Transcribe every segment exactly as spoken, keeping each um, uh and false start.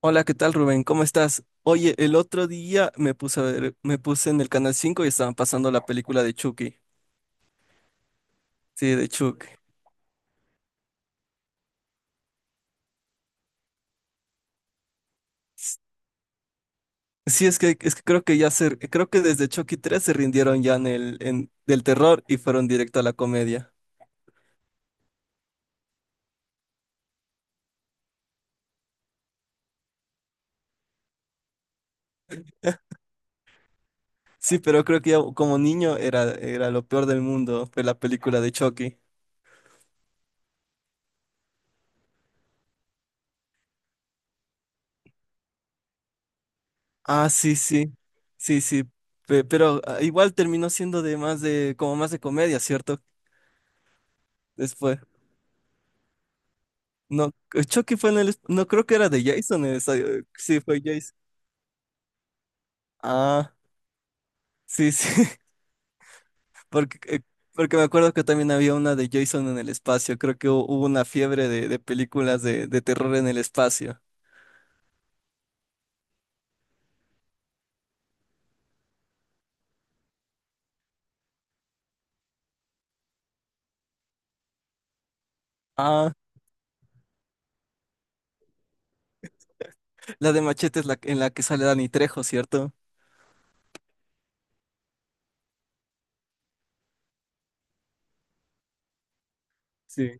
Hola, ¿qué tal, Rubén? ¿Cómo estás? Oye, el otro día me puse a ver, me puse en el Canal cinco y estaban pasando la película de Chucky. Sí, de Chucky. S- Sí, es que, es que creo que ya se, creo que desde Chucky tres se rindieron ya en el, en, del terror y fueron directo a la comedia. Sí, pero creo que ya como niño era, era lo peor del mundo, fue la película de Chucky. Ah, sí, sí. Sí, sí. Pe- pero ah, igual terminó siendo de más de, como más de comedia, ¿cierto? Después. No, eh, Chucky fue en el. No creo que era de Jason. Esa- eh, sí, fue Jason. Ah, sí, sí. Porque, eh, porque me acuerdo que también había una de Jason en el espacio. Creo que hu- hubo una fiebre de, de películas de, de terror en el espacio. Ah, la de Machete es la en la que sale Danny Trejo, ¿cierto? Sí.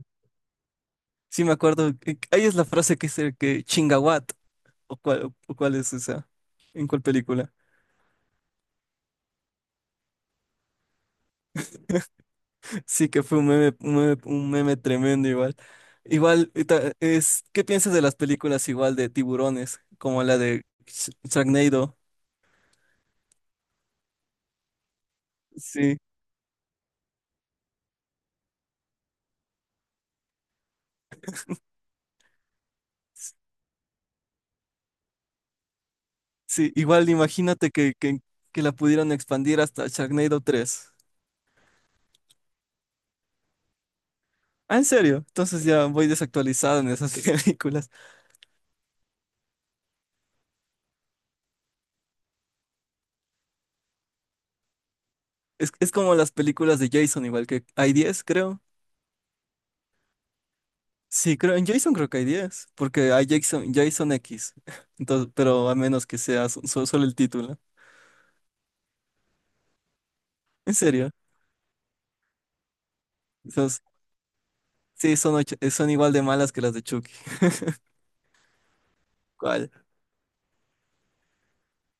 Sí, me acuerdo. Eh, Ahí es la frase que dice que chinga what. ¿O cuál, o cuál es esa? ¿En cuál película? Sí que fue un meme, un meme, un meme tremendo igual. Igual, y ta- es, ¿qué piensas de las películas igual de tiburones, como la de Sh- Sharknado? Sí, s- sí, igual imagínate que, que, que la pudieran expandir hasta Sharknado tres. Ah, ¿en serio? Entonces ya voy desactualizado en esas películas. Es, es como las películas de Jason, igual que hay diez creo. Sí, creo, en Jason creo que hay diez porque hay Jason, Jason equis. Entonces, pero a menos que sea so- so- solo el título. ¿En serio? Sí, son, och- eh, son igual de malas que las de Chucky. ¿Cuál?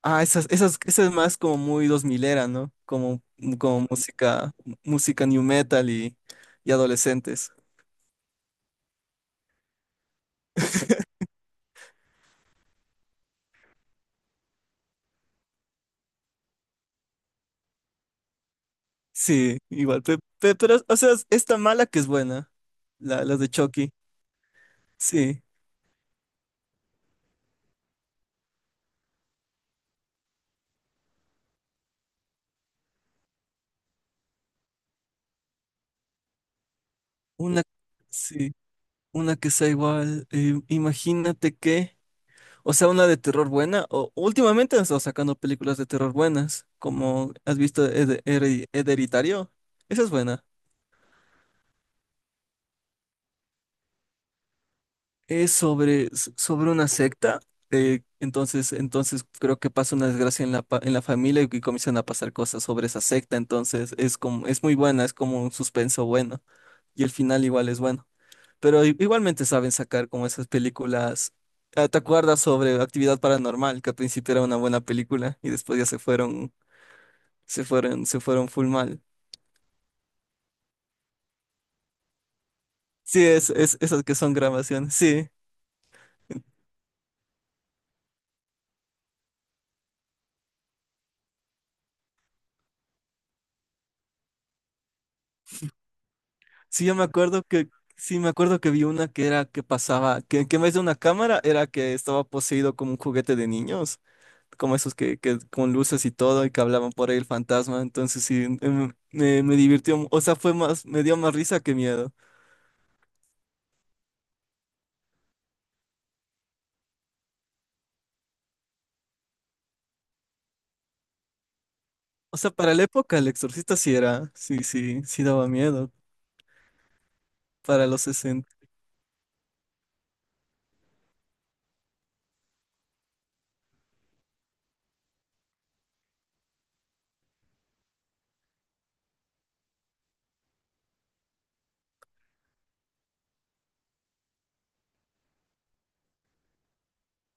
Ah, esas, esas, esa es más como muy dos milera, ¿no? Como, como música, música new metal y, y adolescentes. Sí, igual. pe- pe- Pero, o sea, es tan mala que es buena. La, las de Chucky. Sí. Una, sí. Una que sea igual. eh, imagínate que. O sea, una de terror buena. O últimamente han estado sacando películas de terror buenas. Como has visto Ed- Eri- Hereditario. Esa es buena. Es sobre, s- sobre una secta. eh, entonces, entonces creo que pasa una desgracia en la, pa- en la familia y, y comienzan a pasar cosas sobre esa secta. Entonces es como, es muy buena, es como un suspenso bueno. Y el final igual es bueno. Pero i- igualmente saben sacar como esas películas. Ah, ¿te acuerdas sobre Actividad Paranormal? Que al principio era una buena película y después ya se fueron, se fueron, se fueron full mal. Sí, es, es esas que son grabaciones. Sí. Sí, yo me acuerdo que, sí, me acuerdo que vi una que era que pasaba, que, que en vez de una cámara era que estaba poseído como un juguete de niños, como esos que, que con luces y todo, y que hablaban por ahí el fantasma. Entonces sí, em, me, me divirtió, mu- o sea, fue más, me dio más risa que miedo. O sea, para la época el Exorcista sí era, sí, sí, sí daba miedo para los sesenta.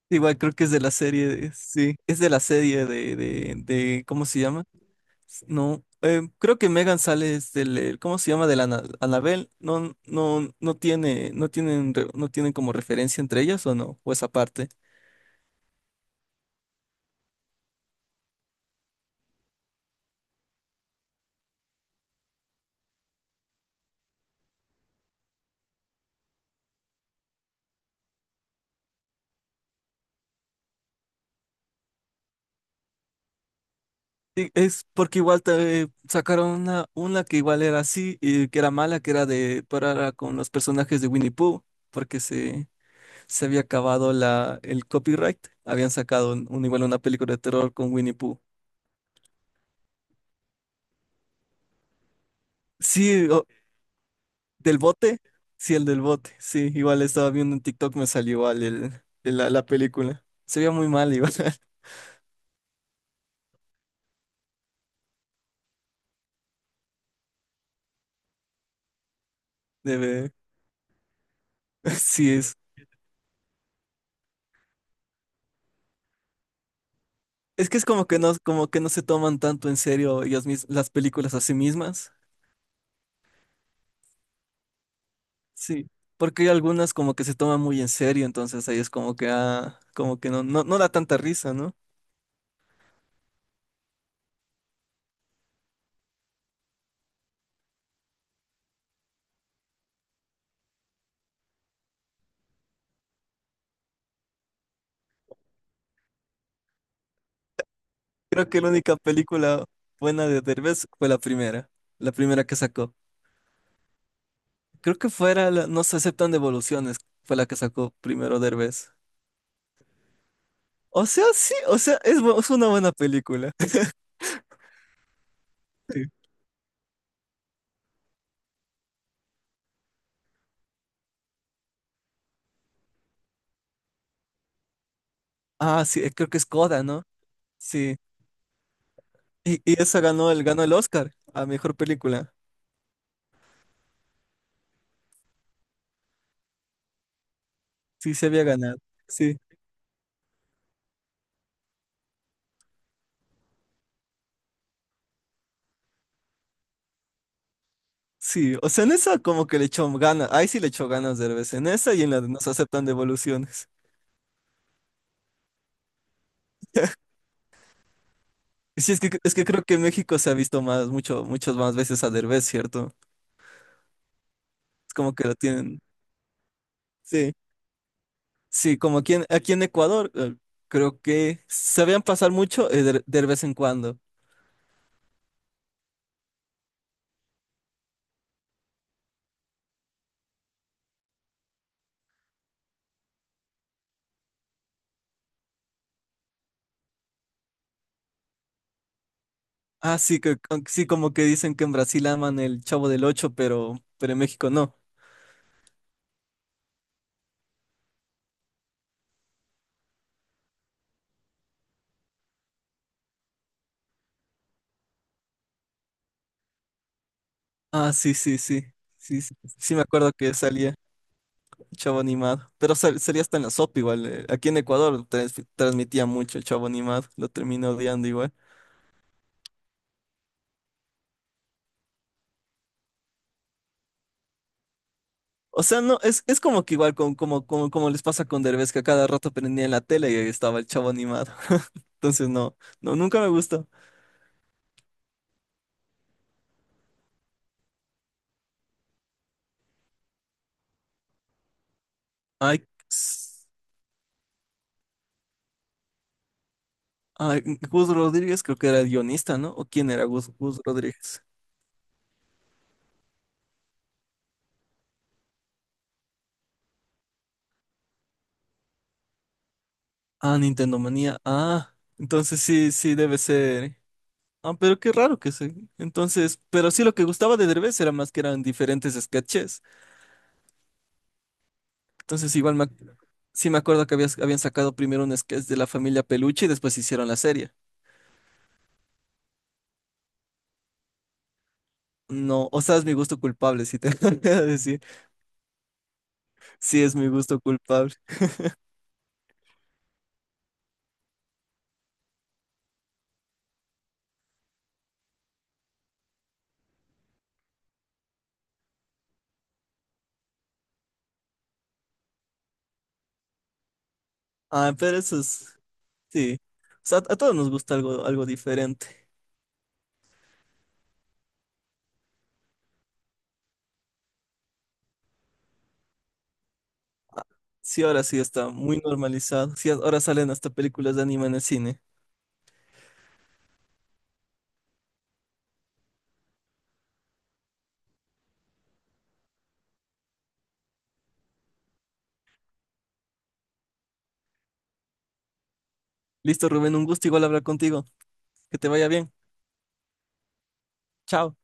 Igual creo que es de la serie, de- sí, es de la serie de, de, de, ¿cómo se llama? No, eh, creo que Megan sale es del, eh, ¿cómo se llama? De la Ana- Anabel. No, no, no tiene, no tienen, re- no tienen como referencia entre ellas o no, o esa parte. Sí, es porque igual te, sacaron una, una, que igual era así, y que era mala, que era de, pero con los personajes de Winnie Pooh, porque se, se había acabado la, el copyright. Habían sacado un, un- igual una película de terror con Winnie Pooh. Sí, ¿del bote? Sí, el del bote. Sí, igual estaba viendo en TikTok, me salió igual el, el- la, la película. Se veía muy mal igual. Debe, sí es. Es que es como que no, como que no se toman tanto en serio ellas mis, las películas a sí mismas. Sí. Porque hay algunas como que se toman muy en serio, entonces ahí es como que ah, como que no, no, no da tanta risa, ¿no? Creo que la única película buena de Derbez fue la primera, la primera que sacó. Creo que fuera la, No se aceptan devoluciones, fue la que sacó primero Derbez. O sea, sí, o sea, es, bu- es una buena película. Ah, sí, eh, creo que es Coda, ¿no? Sí. Y, y esa ganó el, ganó el Oscar a mejor película. Sí, se había ganado. Sí, sí. O sea, en esa como que le echó ganas. Ahí sí le echó ganas de vez En esa y en la de Nos aceptan devoluciones. Sí, es que, es que creo que en México se ha visto más, mucho, muchas más veces a Derbez, ¿cierto? Es como que lo tienen. Sí, sí, como aquí en, aquí en Ecuador, eh, creo que sabían pasar mucho eh, de, de vez en cuando. Ah, sí, que, con- sí, como que dicen que en Brasil aman el Chavo del Ocho, pero, pero en México no. Ah, sí, sí, sí. Sí, sí, sí me acuerdo que salía Chavo Animado. Pero sal- salía hasta en la sopa igual. eh, Aquí en Ecuador trans- transmitía mucho el Chavo Animado. Lo terminé odiando igual. O sea, no, es, es como que igual con, como, como, como les pasa con Derbez, que a cada rato prendía en la tele y ahí estaba el Chavo Animado. Entonces no, no, nunca me gustó. Ay, s- ay, Gus Rodríguez creo que era el guionista, ¿no? ¿O quién era Gus, Gus Rodríguez? Ah, Nintendo Manía. Ah, entonces sí, sí debe ser. Ah, pero qué raro que se. Entonces, pero sí lo que gustaba de Derbez era más que eran diferentes sketches. Entonces, igual me ac- sí me acuerdo que habías- habían sacado primero un sketch de la familia Peluche y después hicieron la serie. No, o sea, es mi gusto culpable, si te voy a decir. Sí, es mi gusto culpable. Ah, pero eso es. Sí. O sea, a todos nos gusta algo, algo diferente. Sí, ahora sí está muy normalizado. Sí, ahora salen hasta películas de anime en el cine. Listo, Rubén, un gusto igual hablar contigo. Que te vaya bien. Chao.